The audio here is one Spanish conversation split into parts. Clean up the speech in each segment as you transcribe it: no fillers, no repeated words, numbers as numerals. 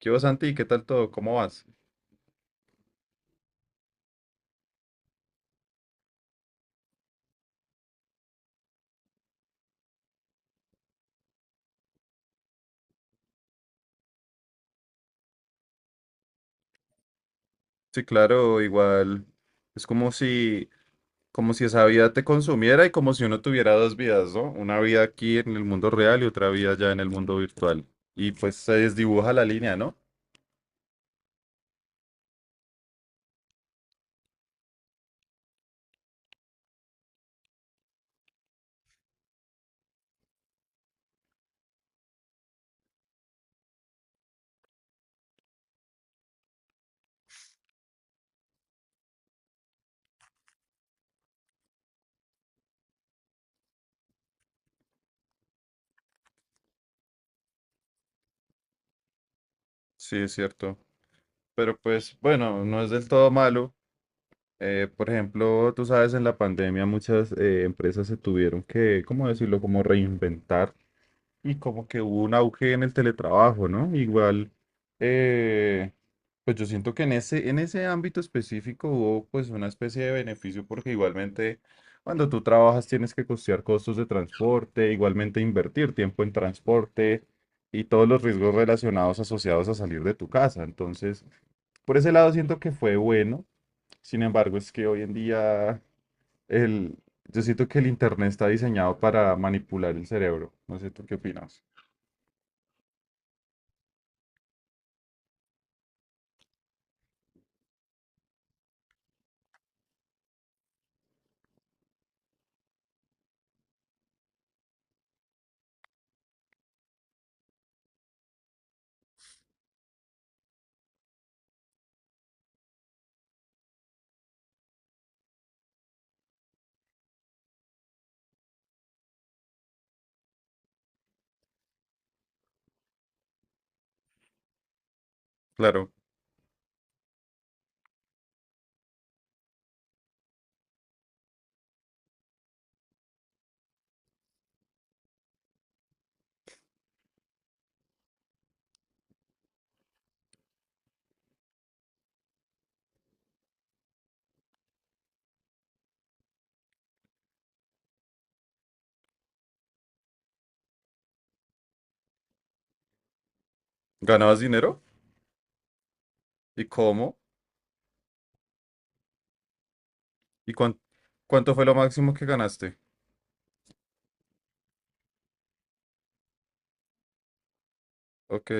¿Qué vas, Santi? ¿Qué tal todo? ¿Cómo vas? Sí, claro, igual es como si esa vida te consumiera y como si uno tuviera dos vidas, ¿no? Una vida aquí en el mundo real y otra vida ya en el mundo virtual. Y pues se desdibuja la línea, ¿no? Sí, es cierto. Pero pues bueno, no es del todo malo. Por ejemplo, tú sabes, en la pandemia muchas empresas se tuvieron que, ¿cómo decirlo? Como reinventar y como que hubo un auge en el teletrabajo, ¿no? Igual, eh, pues yo siento que en ese ámbito específico hubo pues una especie de beneficio porque igualmente cuando tú trabajas tienes que costear costos de transporte, igualmente invertir tiempo en transporte y todos los riesgos relacionados asociados a salir de tu casa. Entonces, por ese lado siento que fue bueno. Sin embargo, es que hoy en día el, yo siento que el internet está diseñado para manipular el cerebro. No sé, ¿tú qué opinas? Claro. ¿Ganabas dinero? ¿Y cómo? ¿Y cuánto fue lo máximo que ganaste? Ok,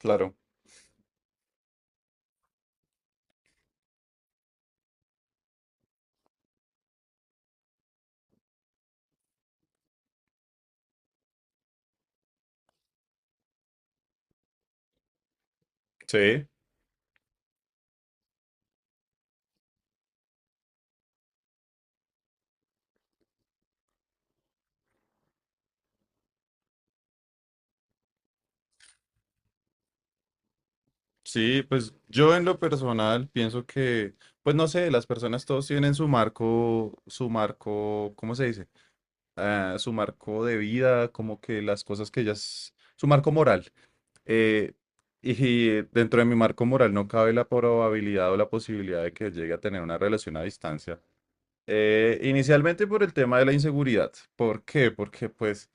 claro. Sí, sí, pues yo en lo personal pienso que, pues no sé, las personas todos tienen su marco, ¿cómo se dice? Ah, su marco de vida, como que las cosas que ellas, su marco moral. Eh, y dentro de mi marco moral no cabe la probabilidad o la posibilidad de que llegue a tener una relación a distancia. Inicialmente por el tema de la inseguridad. ¿Por qué? Porque pues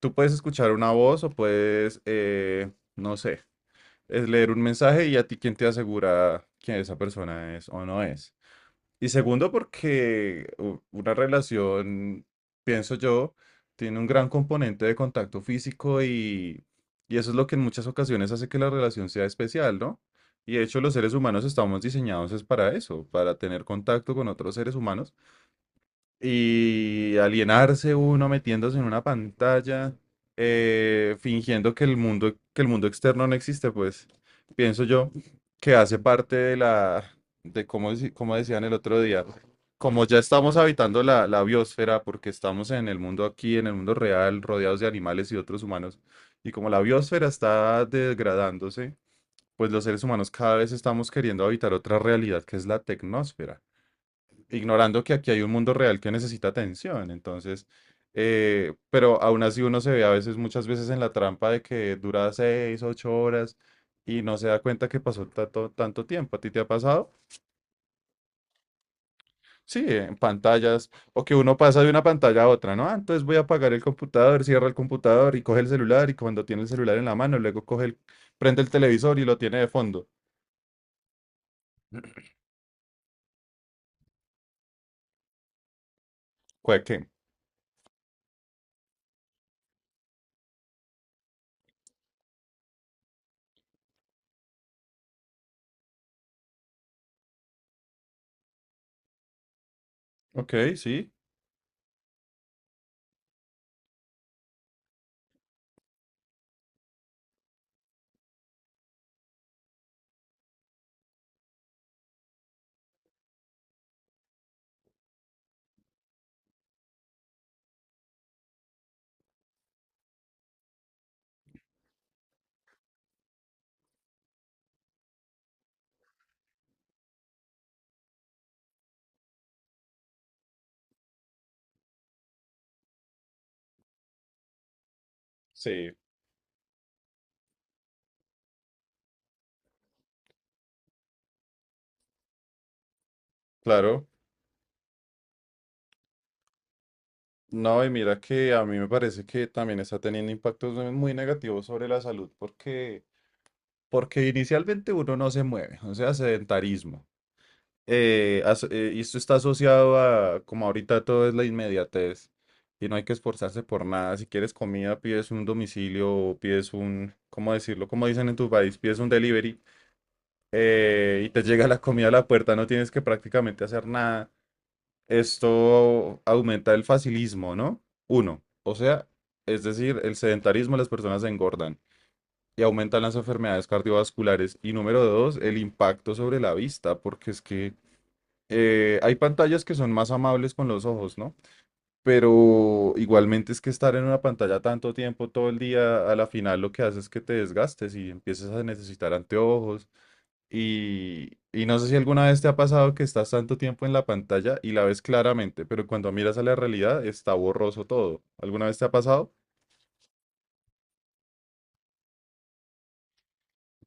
tú puedes escuchar una voz o puedes, no sé, es leer un mensaje y a ti quién te asegura que esa persona es o no es. Y segundo, porque una relación, pienso yo, tiene un gran componente de contacto físico y eso es lo que en muchas ocasiones hace que la relación sea especial, ¿no? Y de hecho los seres humanos estamos diseñados es para eso, para tener contacto con otros seres humanos y alienarse uno metiéndose en una pantalla, fingiendo que el mundo externo no existe, pues pienso yo que hace parte de la, como decían el otro día, como ya estamos habitando la biosfera, porque estamos en el mundo aquí, en el mundo real, rodeados de animales y otros humanos, y como la biosfera está degradándose, pues los seres humanos cada vez estamos queriendo habitar otra realidad que es la tecnósfera ignorando que aquí hay un mundo real que necesita atención. Entonces, pero aún así uno se ve a veces, muchas veces en la trampa de que dura 6, 8 horas y no se da cuenta que pasó tanto, tanto tiempo. ¿A ti te ha pasado? Sí, en pantallas, o que uno pasa de una pantalla a otra, ¿no? Ah, entonces voy a apagar el computador, cierra el computador y coge el celular y cuando tiene el celular en la mano, luego prende el televisor y lo tiene de fondo. ¿Cuál qué? Ok, sí, sí, claro. No, y mira que a mí me parece que también está teniendo impactos muy negativos sobre la salud porque, porque inicialmente uno no se mueve, o sea, sedentarismo. Y esto está asociado a, como ahorita todo es la inmediatez y no hay que esforzarse por nada. Si quieres comida, pides un domicilio o pides un, ¿cómo decirlo? Como dicen en tu país, pides un delivery, y te llega la comida a la puerta, no tienes que prácticamente hacer nada. Esto aumenta el facilismo, ¿no? Uno, o sea, es decir, el sedentarismo, las personas se engordan y aumentan las enfermedades cardiovasculares. Y número dos, el impacto sobre la vista, porque es que hay pantallas que son más amables con los ojos, ¿no? Pero igualmente es que estar en una pantalla tanto tiempo todo el día, a la final lo que hace es que te desgastes y empieces a necesitar anteojos, y no sé si alguna vez te ha pasado que estás tanto tiempo en la pantalla y la ves claramente, pero cuando miras a la realidad está borroso todo. ¿Alguna vez te ha pasado?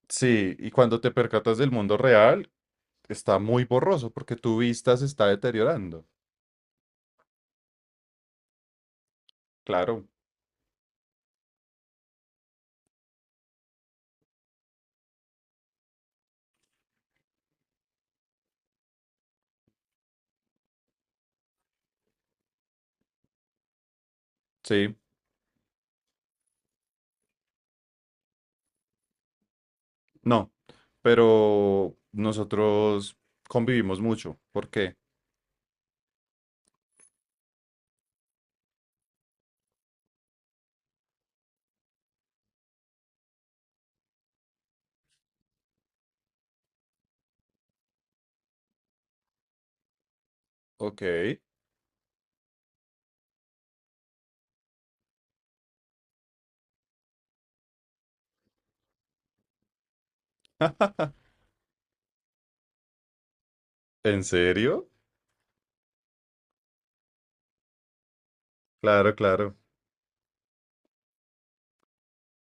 Sí, y cuando te percatas del mundo real, está muy borroso porque tu vista se está deteriorando. Claro, sí, no, pero nosotros convivimos mucho. ¿Por qué? Ok. ¿En serio? Claro, claro.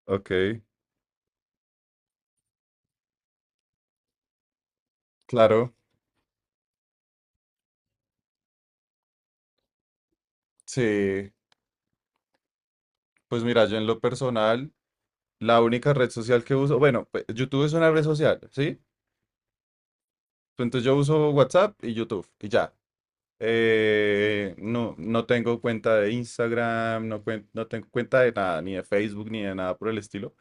Ok, claro. Sí. Pues mira, yo en lo personal... La única red social que uso, bueno, pues, YouTube es una red social, ¿sí? Entonces yo uso WhatsApp y YouTube y ya. No, no tengo cuenta de Instagram, no, no tengo cuenta de nada, ni de Facebook, ni de nada por el estilo.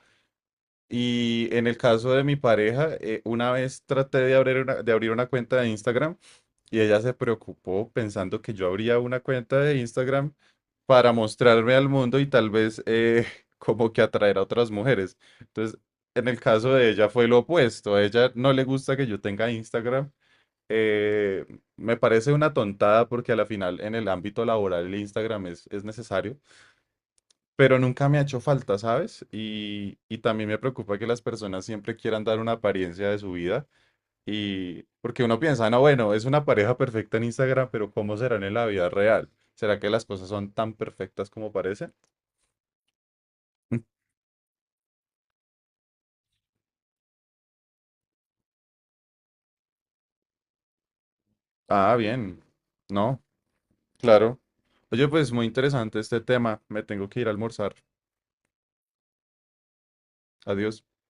Y en el caso de mi pareja, una vez traté de abrir una cuenta de Instagram y ella se preocupó pensando que yo abría una cuenta de Instagram para mostrarme al mundo y tal vez como que atraer a otras mujeres. Entonces, en el caso de ella fue lo opuesto. A ella no le gusta que yo tenga Instagram. Eh, Me parece una tontada porque a la final en el ámbito laboral el Instagram es necesario, pero nunca me ha hecho falta, ¿sabes? Y también me preocupa que las personas siempre quieran dar una apariencia de su vida y porque uno piensa, no, bueno, es una pareja perfecta en Instagram, pero ¿cómo serán en la vida real? ¿Será que las cosas son tan perfectas como parecen? Ah, bien. No, claro. Oye, pues muy interesante este tema. Me tengo que ir a almorzar. Adiós.